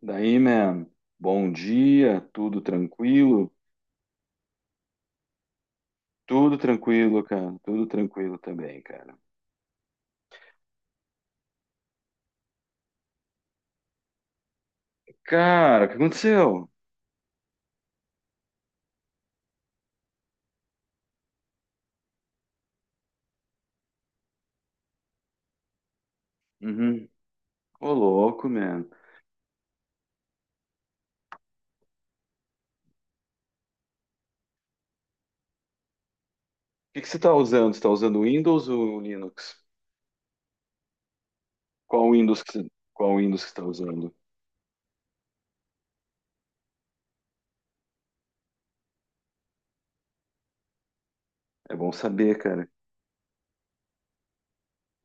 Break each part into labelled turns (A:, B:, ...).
A: Daí, man, bom dia, tudo tranquilo? Tudo tranquilo, cara, tudo tranquilo também, cara. Cara, o que aconteceu? Uhum. Ô, louco, man. O que que você tá usando? Você tá usando Windows ou Linux? Qual Windows que você, qual Windows que você tá usando? É bom saber, cara.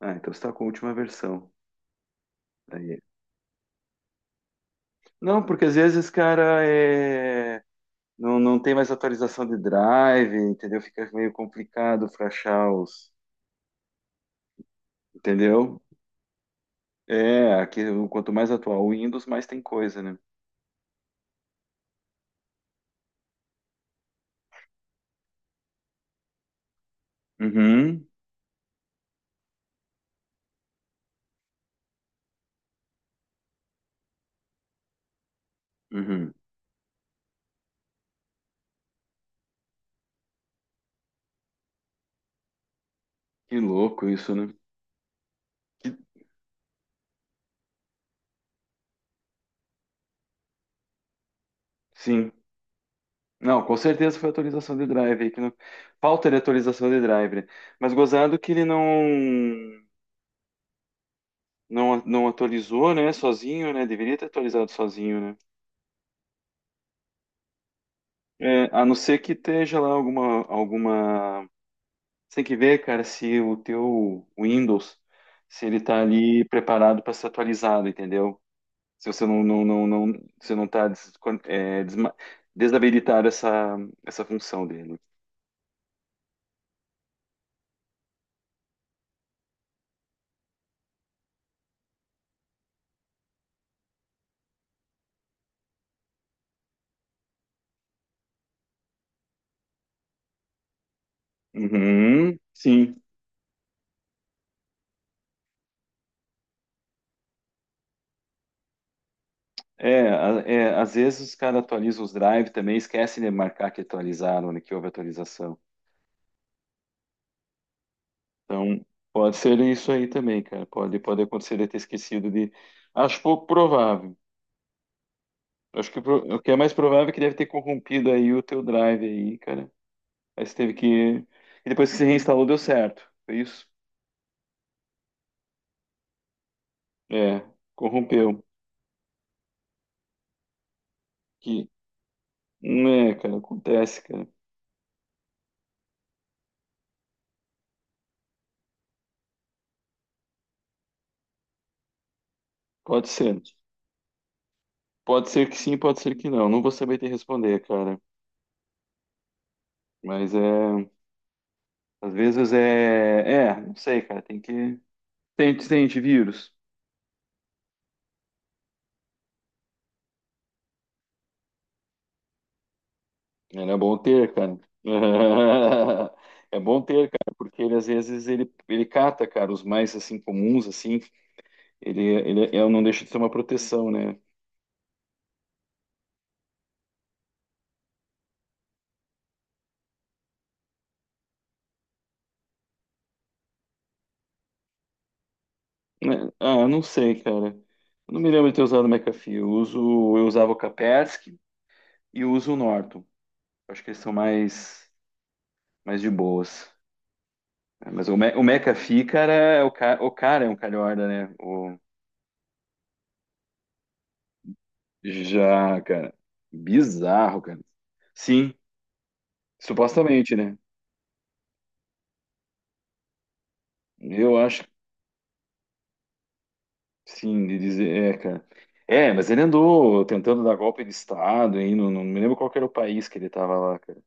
A: Ah, então você tá com a última versão. Daí. Não, porque às vezes, cara, é... não, não tem mais atualização de drive, entendeu? Fica meio complicado pra achar os... Entendeu? É, aqui, quanto mais atual o Windows, mais tem coisa, né? Uhum, uhum. Que louco isso, né? Que- Sim. Não, com certeza foi atualização de drive aí que não... Falta de atualização de drive, né? Mas gozado que ele não não atualizou, né, sozinho, né? Deveria ter atualizado sozinho, né? É, a não ser que esteja lá alguma Você tem que ver, cara, se o teu Windows se ele tá ali preparado para ser atualizado, entendeu? Se você você não está é, desma- desabilitar essa função dele. Uhum, sim. É, é, às vezes os caras atualizam os drives também, esquecem de marcar que atualizaram, né, que houve atualização. Então, pode ser isso aí também, cara. Pode acontecer de ter esquecido de. Acho pouco provável. Acho que o que é mais provável é que deve ter corrompido aí o teu drive aí, cara. Aí você teve que. E depois que você reinstalou, deu certo. Foi isso? É, corrompeu. Que É, cara, acontece, cara. Pode ser. Pode ser que sim, pode ser que não. Não vou saber te responder, cara. Mas é. Às vezes é. É, não sei, cara. Tem que. Tem antivírus. Era bom ter, cara. É bom ter, cara, porque ele às vezes ele cata, cara, os mais assim comuns, assim. Ele não deixa de ser uma proteção, né? Né? Ah, eu não sei, cara. Eu não me lembro de ter usado o McAfee. Eu usava o Kaspersky e eu uso o Norton. Acho que eles são mais. Mais de boas. É, mas o McAfee, cara, é o cara é um calhorda, né? O... Já, cara. Bizarro, cara. Sim, supostamente, né? Eu acho, sim, de dizer, é, cara. É, mas ele andou tentando dar golpe de Estado aí, não, não me lembro qual que era o país que ele tava lá, cara.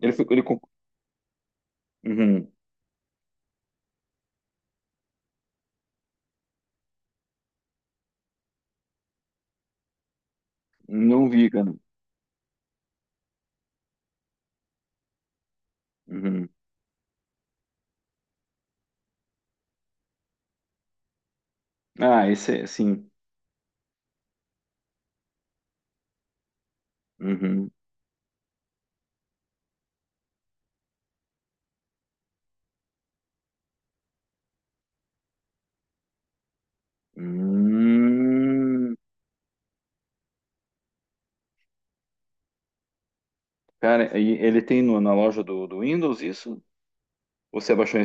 A: Ele ficou, ele... Uhum. Não vi, cara. Uhum. Ah, esse é, sim. Uhum. Hum. Cara, e ele tem na loja do, do Windows isso? Ou você abaixou em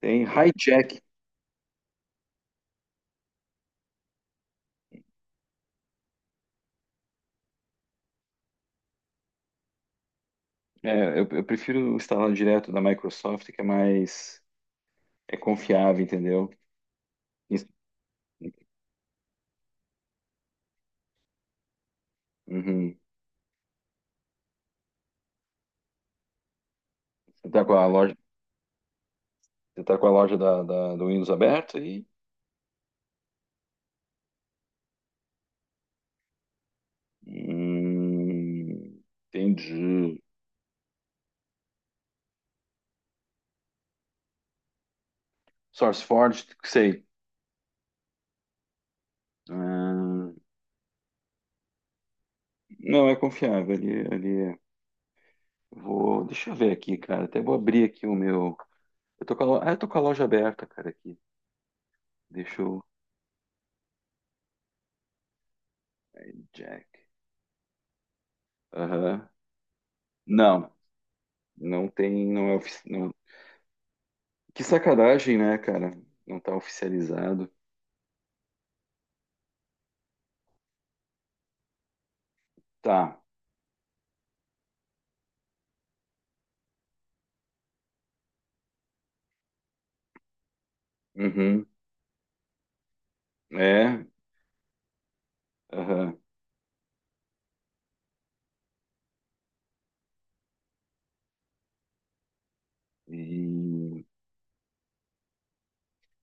A: Tem Hijack. É, eu prefiro instalar direto da Microsoft, que é mais é confiável, entendeu? Isso- Uhum. Você tá com a loja, você tá com a loja da, do Windows aberta e Hum, entendi. SourceForge, sei. Ah, não, é confiável. Ali, ali é. Vou, deixa eu ver aqui, cara. Até vou abrir aqui o meu. Eu tô com a loja aberta, cara, aqui. Deixa eu. Jack. Aham. Não, não tem. Não é oficial. Que sacanagem, né, cara? Não tá oficializado. Tá. Uhum. É. Aham. E,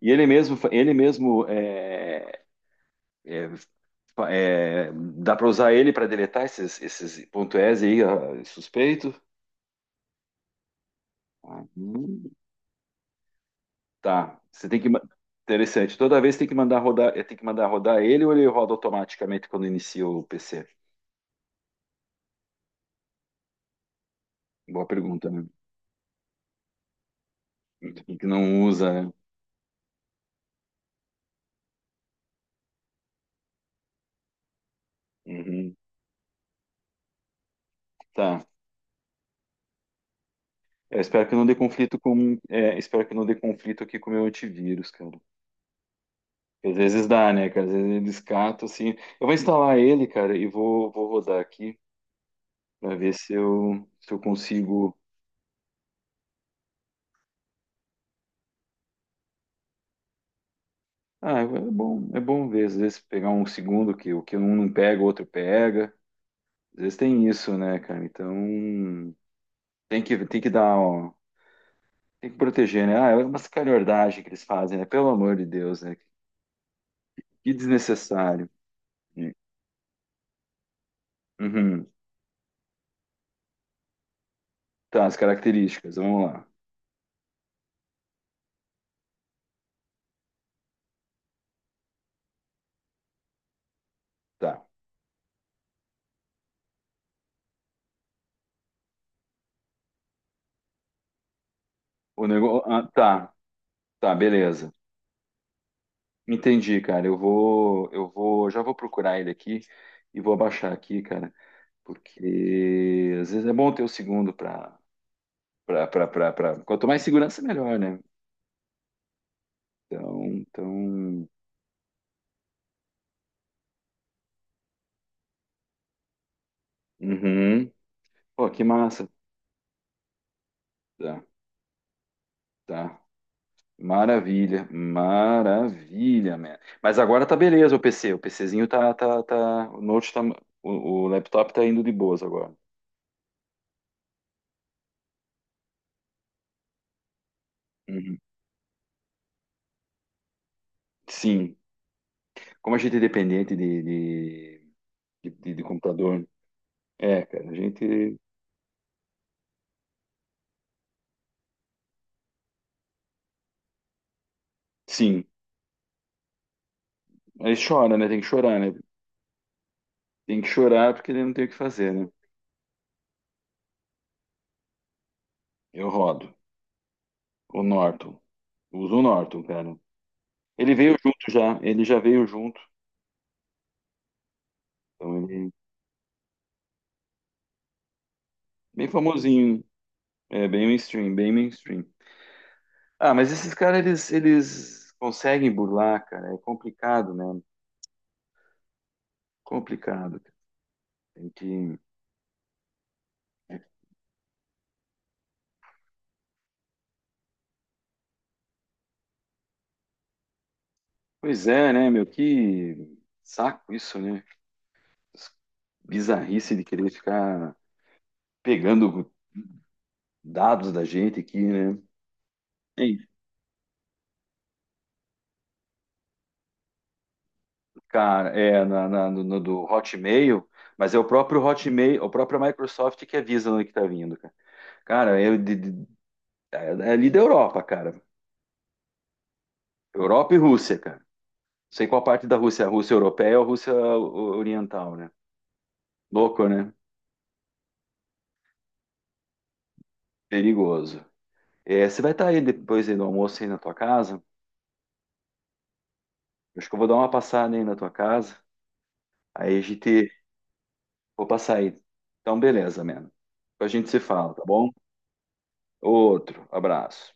A: e ele mesmo, ele mesmo é, é, dá para usar ele para deletar esses, esses ponto .es aí, ah, suspeito? Ah. Tá. Você tem que interessante. Toda vez tem que mandar rodar, é, tem que mandar rodar ele ou ele roda automaticamente quando inicia o PC? Boa pergunta, né? Que não usa, né? Uhum. Tá. Eu espero que não dê conflito com. É, espero que não dê conflito aqui com o meu antivírus, cara. Às vezes dá, né, cara? Às vezes ele escata, assim. Eu vou instalar ele, cara, e vou, vou rodar aqui para ver se eu, se eu consigo. Ah, é bom ver. Às vezes pegar um segundo que o que um não pega, o outro pega. Às vezes tem isso, né, cara? Então tem que dar, ó, tem que proteger, né? Ah, é uma sacanagem que eles fazem, né? Pelo amor de Deus, né? Que desnecessário. Uhum. Tá, as características, vamos lá. Tá. O nego... ah, tá, tá, beleza. Entendi, cara. Eu vou, já vou procurar ele aqui e vou abaixar aqui, cara, porque às vezes é bom ter o segundo para quanto mais segurança melhor, né? Então, então, uhum. Pô, que massa. Tá, tá. Maravilha, maravilha, man. Mas agora tá beleza o PC, o PCzinho tá tá tá, o note tá, o, o laptop tá indo de boas agora. Uhum. Sim, Como a gente é dependente de computador, é, cara, a gente, sim, aí chora, né? Tem que chorar, né? Tem que chorar porque ele não tem o que fazer, né? Eu rodo. O Norton. Uso o Norton, cara. Ele veio junto já, ele já veio junto. Então ele é bem famosinho, é bem mainstream, bem mainstream. Ah, mas esses caras eles conseguem burlar, cara. É complicado, né? Complicado. Cara. Tem que é, Pois é, né, meu? Que saco isso, né? bizarrice de querer ficar pegando dados da gente aqui, né? Ei, Cara, é no do Hotmail, mas é o próprio Hotmail, o próprio Microsoft que avisa onde que tá vindo, cara. Cara, é é ali da Europa, cara. Europa e Rússia, cara. Não sei qual parte da Rússia, a Rússia europeia ou a Rússia oriental, né? Louco, né? Perigoso. É, você vai estar aí depois aí do almoço aí na tua casa? Acho que eu vou dar uma passada aí na tua casa. Aí a gente Vou passar aí. Então, beleza, mano. Depois A gente se fala, tá bom? Outro abraço.